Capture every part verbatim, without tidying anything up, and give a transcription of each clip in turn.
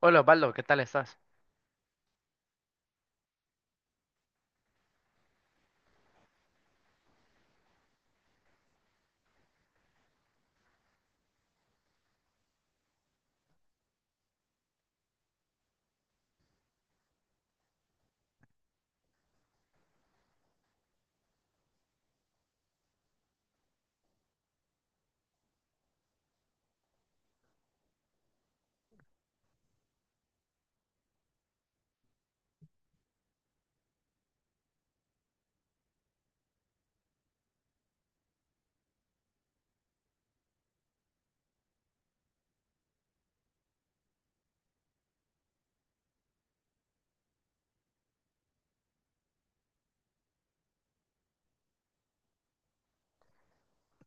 Hola Osvaldo, ¿qué tal estás?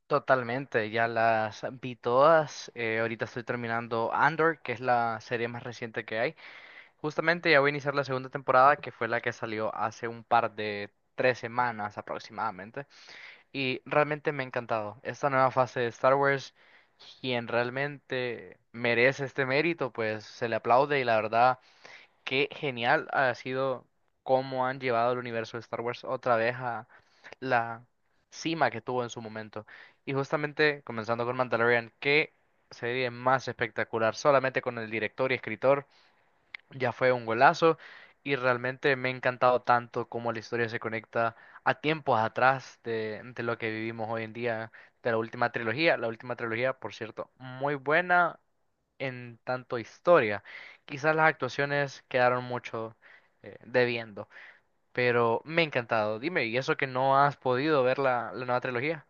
Totalmente, ya las vi todas. Eh, ahorita estoy terminando Andor, que es la serie más reciente que hay. Justamente ya voy a iniciar la segunda temporada, que fue la que salió hace un par de tres semanas aproximadamente. Y realmente me ha encantado esta nueva fase de Star Wars. Quien realmente merece este mérito, pues se le aplaude y la verdad. Qué genial ha sido cómo han llevado el universo de Star Wars otra vez a la cima que tuvo en su momento. Y justamente comenzando con Mandalorian, qué serie más espectacular, solamente con el director y escritor ya fue un golazo y realmente me ha encantado tanto cómo la historia se conecta a tiempos atrás de, de lo que vivimos hoy en día, de la última trilogía. La última trilogía, por cierto, muy buena en tanto historia. Quizás las actuaciones quedaron mucho eh, debiendo, pero me ha encantado. Dime, ¿y eso que no has podido ver la, la nueva trilogía?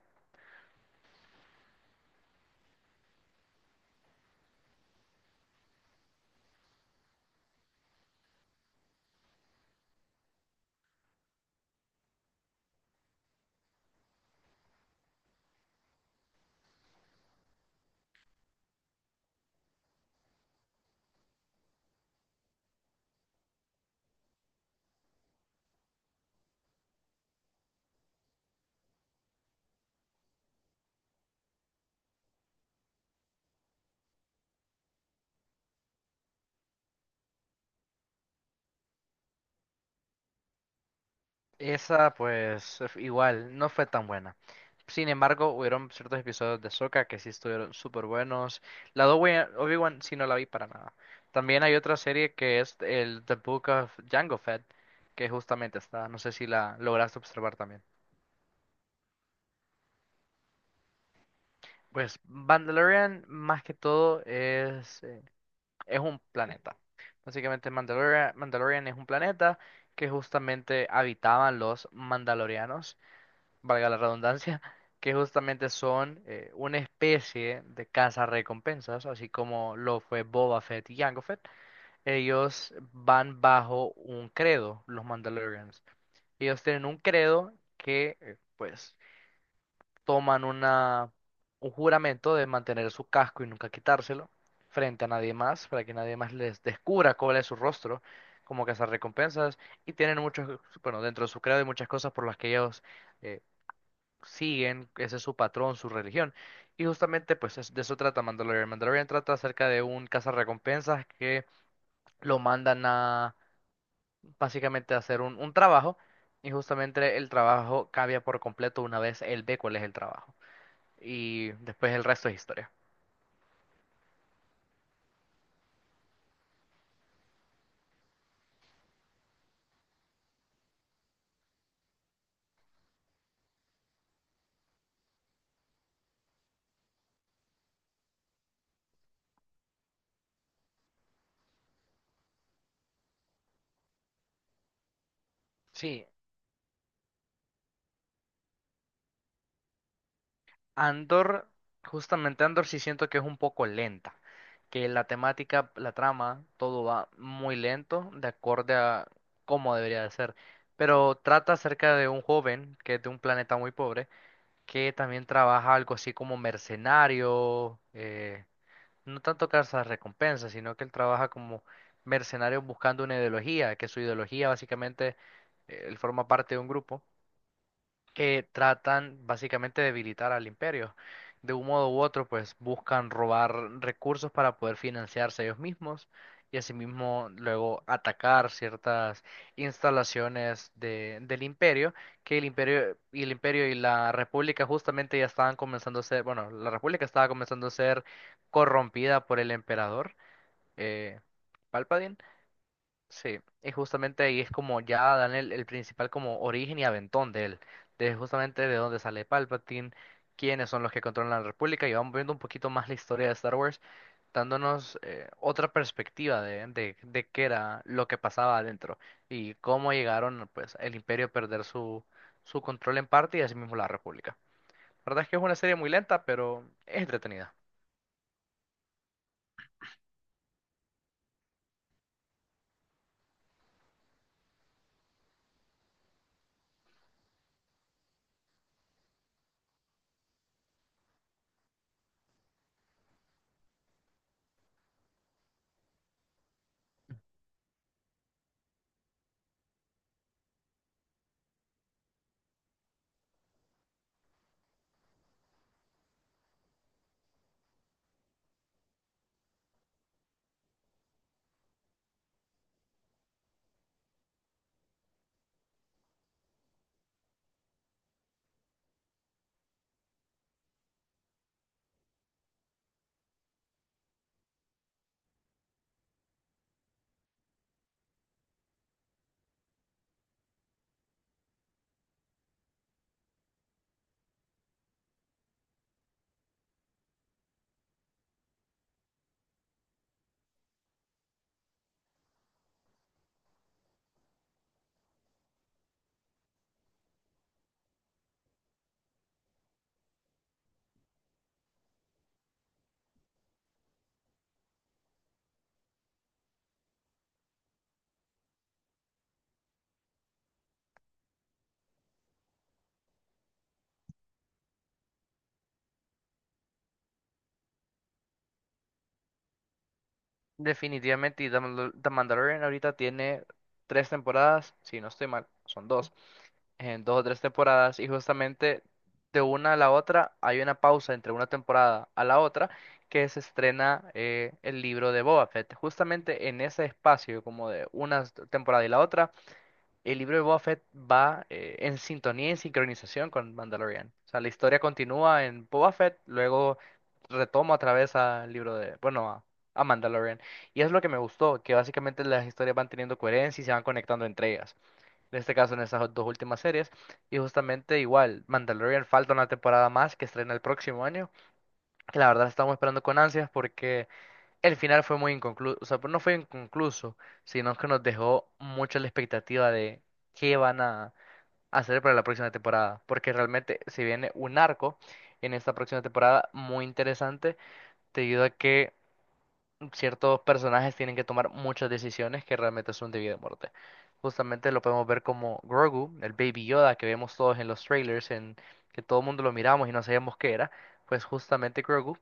Esa, pues, f- igual, no fue tan buena. Sin embargo, hubieron ciertos episodios de Sokka que sí estuvieron súper buenos. La de Obi- Obi-Wan sí no la vi para nada. También hay otra serie que es el The Book of Jango Fett, que justamente está, no sé si la lograste observar también. Pues Mandalorian más que todo es, eh, es un planeta. Básicamente Mandalorian, Mandalorian es un planeta que justamente habitaban los mandalorianos, valga la redundancia, que justamente son eh, una especie de recompensas, así como lo fue Boba Fett y Jango Fett. Ellos van bajo un credo, los Mandalorians. Ellos tienen un credo que, eh, pues, toman una, un juramento de mantener su casco y nunca quitárselo frente a nadie más, para que nadie más les descubra cuál es su rostro. Como recompensas y tienen muchos, bueno, dentro de su credo hay muchas cosas por las que ellos eh, siguen, ese es su patrón, su religión. Y justamente pues es- de eso trata Mandalorian. Mandalorian trata acerca de un cazarrecompensas que lo mandan a básicamente a hacer un, un trabajo y justamente el trabajo cambia por completo una vez él ve cuál es el trabajo. Y después el resto es historia. Sí, Andor, justamente Andor sí siento que es un poco lenta, que la temática, la trama, todo va muy lento, de acorde a cómo debería de ser. Pero trata acerca de un joven que es de un planeta muy pobre, que también trabaja algo así como mercenario, eh, no tanto cazas recompensas, sino que él trabaja como mercenario buscando una ideología, que su ideología básicamente, eh, él forma parte de un grupo que tratan básicamente de debilitar al imperio. De un modo u otro, pues buscan robar recursos para poder financiarse ellos mismos y asimismo luego atacar ciertas instalaciones de- del imperio, que el imperio y el imperio y la república, justamente ya estaban comenzando a ser, bueno, la república estaba comenzando a ser corrompida por el emperador, eh, Palpatine. Sí, y justamente ahí es como ya dan el, el principal como origen y aventón de él, de justamente de dónde sale Palpatine, quiénes son los que controlan la República, y vamos viendo un poquito más la historia de Star Wars, dándonos eh, otra perspectiva de, de, de qué era lo que pasaba adentro y cómo llegaron pues el Imperio a perder su, su control en parte y asimismo la República. La verdad es que es una serie muy lenta, pero es entretenida. Definitivamente, y The Mandal- The Mandalorian ahorita tiene tres temporadas, si no estoy mal, son dos. En dos o tres temporadas y justamente de una a la otra hay una pausa entre una temporada a la otra, que se estrena eh, el libro de Boba Fett. Justamente en ese espacio como de una s- temporada y la otra, el libro de Boba Fett va eh, en sintonía y en sincronización con Mandalorian. O sea, la historia continúa en Boba Fett, luego retoma otra vez al libro de, bueno, a, a Mandalorian. Y es lo que me gustó, que básicamente las historias van teniendo coherencia y se van conectando entre ellas. En este caso, en esas dos últimas series. Y justamente igual, Mandalorian falta una temporada más que estrena el próximo año. Que la verdad estamos esperando con ansias porque el final fue muy inconcluso. O sea, pues no fue inconcluso, sino que nos dejó mucho la expectativa de qué van a hacer para la próxima temporada. Porque realmente se viene un arco en esta próxima temporada muy interesante, debido a que ciertos personajes tienen que tomar muchas decisiones que realmente son de vida o muerte. Justamente lo podemos ver como Grogu, el Baby Yoda que vemos todos en los trailers, en que todo el mundo lo miramos y no sabíamos qué era, pues justamente Grogu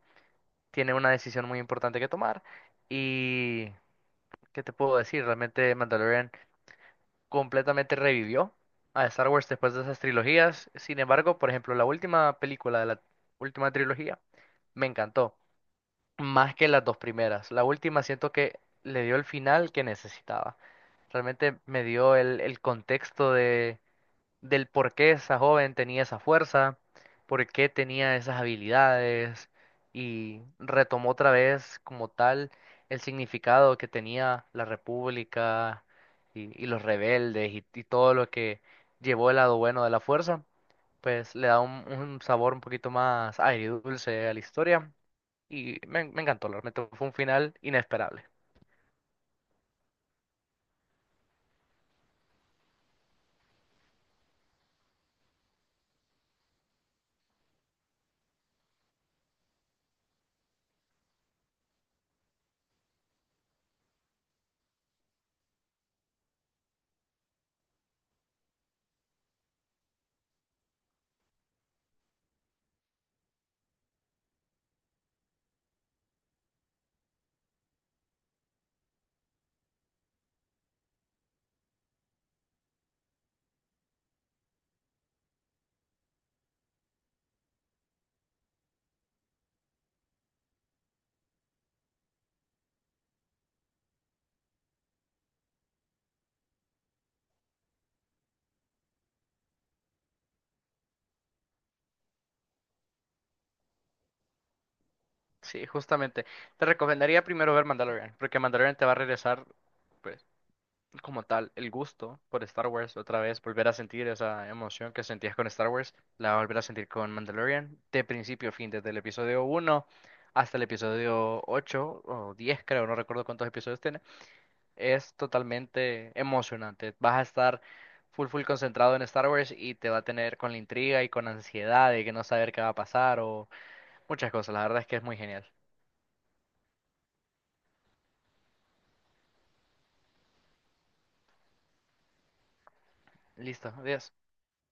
tiene una decisión muy importante que tomar y ¿qué te puedo decir? Realmente Mandalorian completamente revivió a Star Wars después de esas trilogías. Sin embargo, por ejemplo, la última película de la última trilogía me encantó más que las dos primeras. La última siento que le dio el final que necesitaba. Realmente me dio el, el contexto de, del por qué esa joven tenía esa fuerza, por qué tenía esas habilidades y retomó otra vez como tal el significado que tenía la República y, y los rebeldes y, y todo lo que llevó el lado bueno de la fuerza. Pues le da un, un sabor un poquito más agridulce a la historia y me, me encantó, realmente fue un final inesperable. Sí, justamente. Te recomendaría primero ver Mandalorian, porque Mandalorian te va a regresar, pues, como tal, el gusto por Star Wars otra vez, volver a sentir esa emoción que sentías con Star Wars, la vas a volver a sentir con Mandalorian, de principio a fin, desde el episodio uno hasta el episodio ocho o diez creo, no recuerdo cuántos episodios tiene. Es totalmente emocionante. Vas a estar full full concentrado en Star Wars y te va a tener con la intriga y con ansiedad de que no saber qué va a pasar o muchas cosas. La verdad es que es muy genial. Listo, adiós.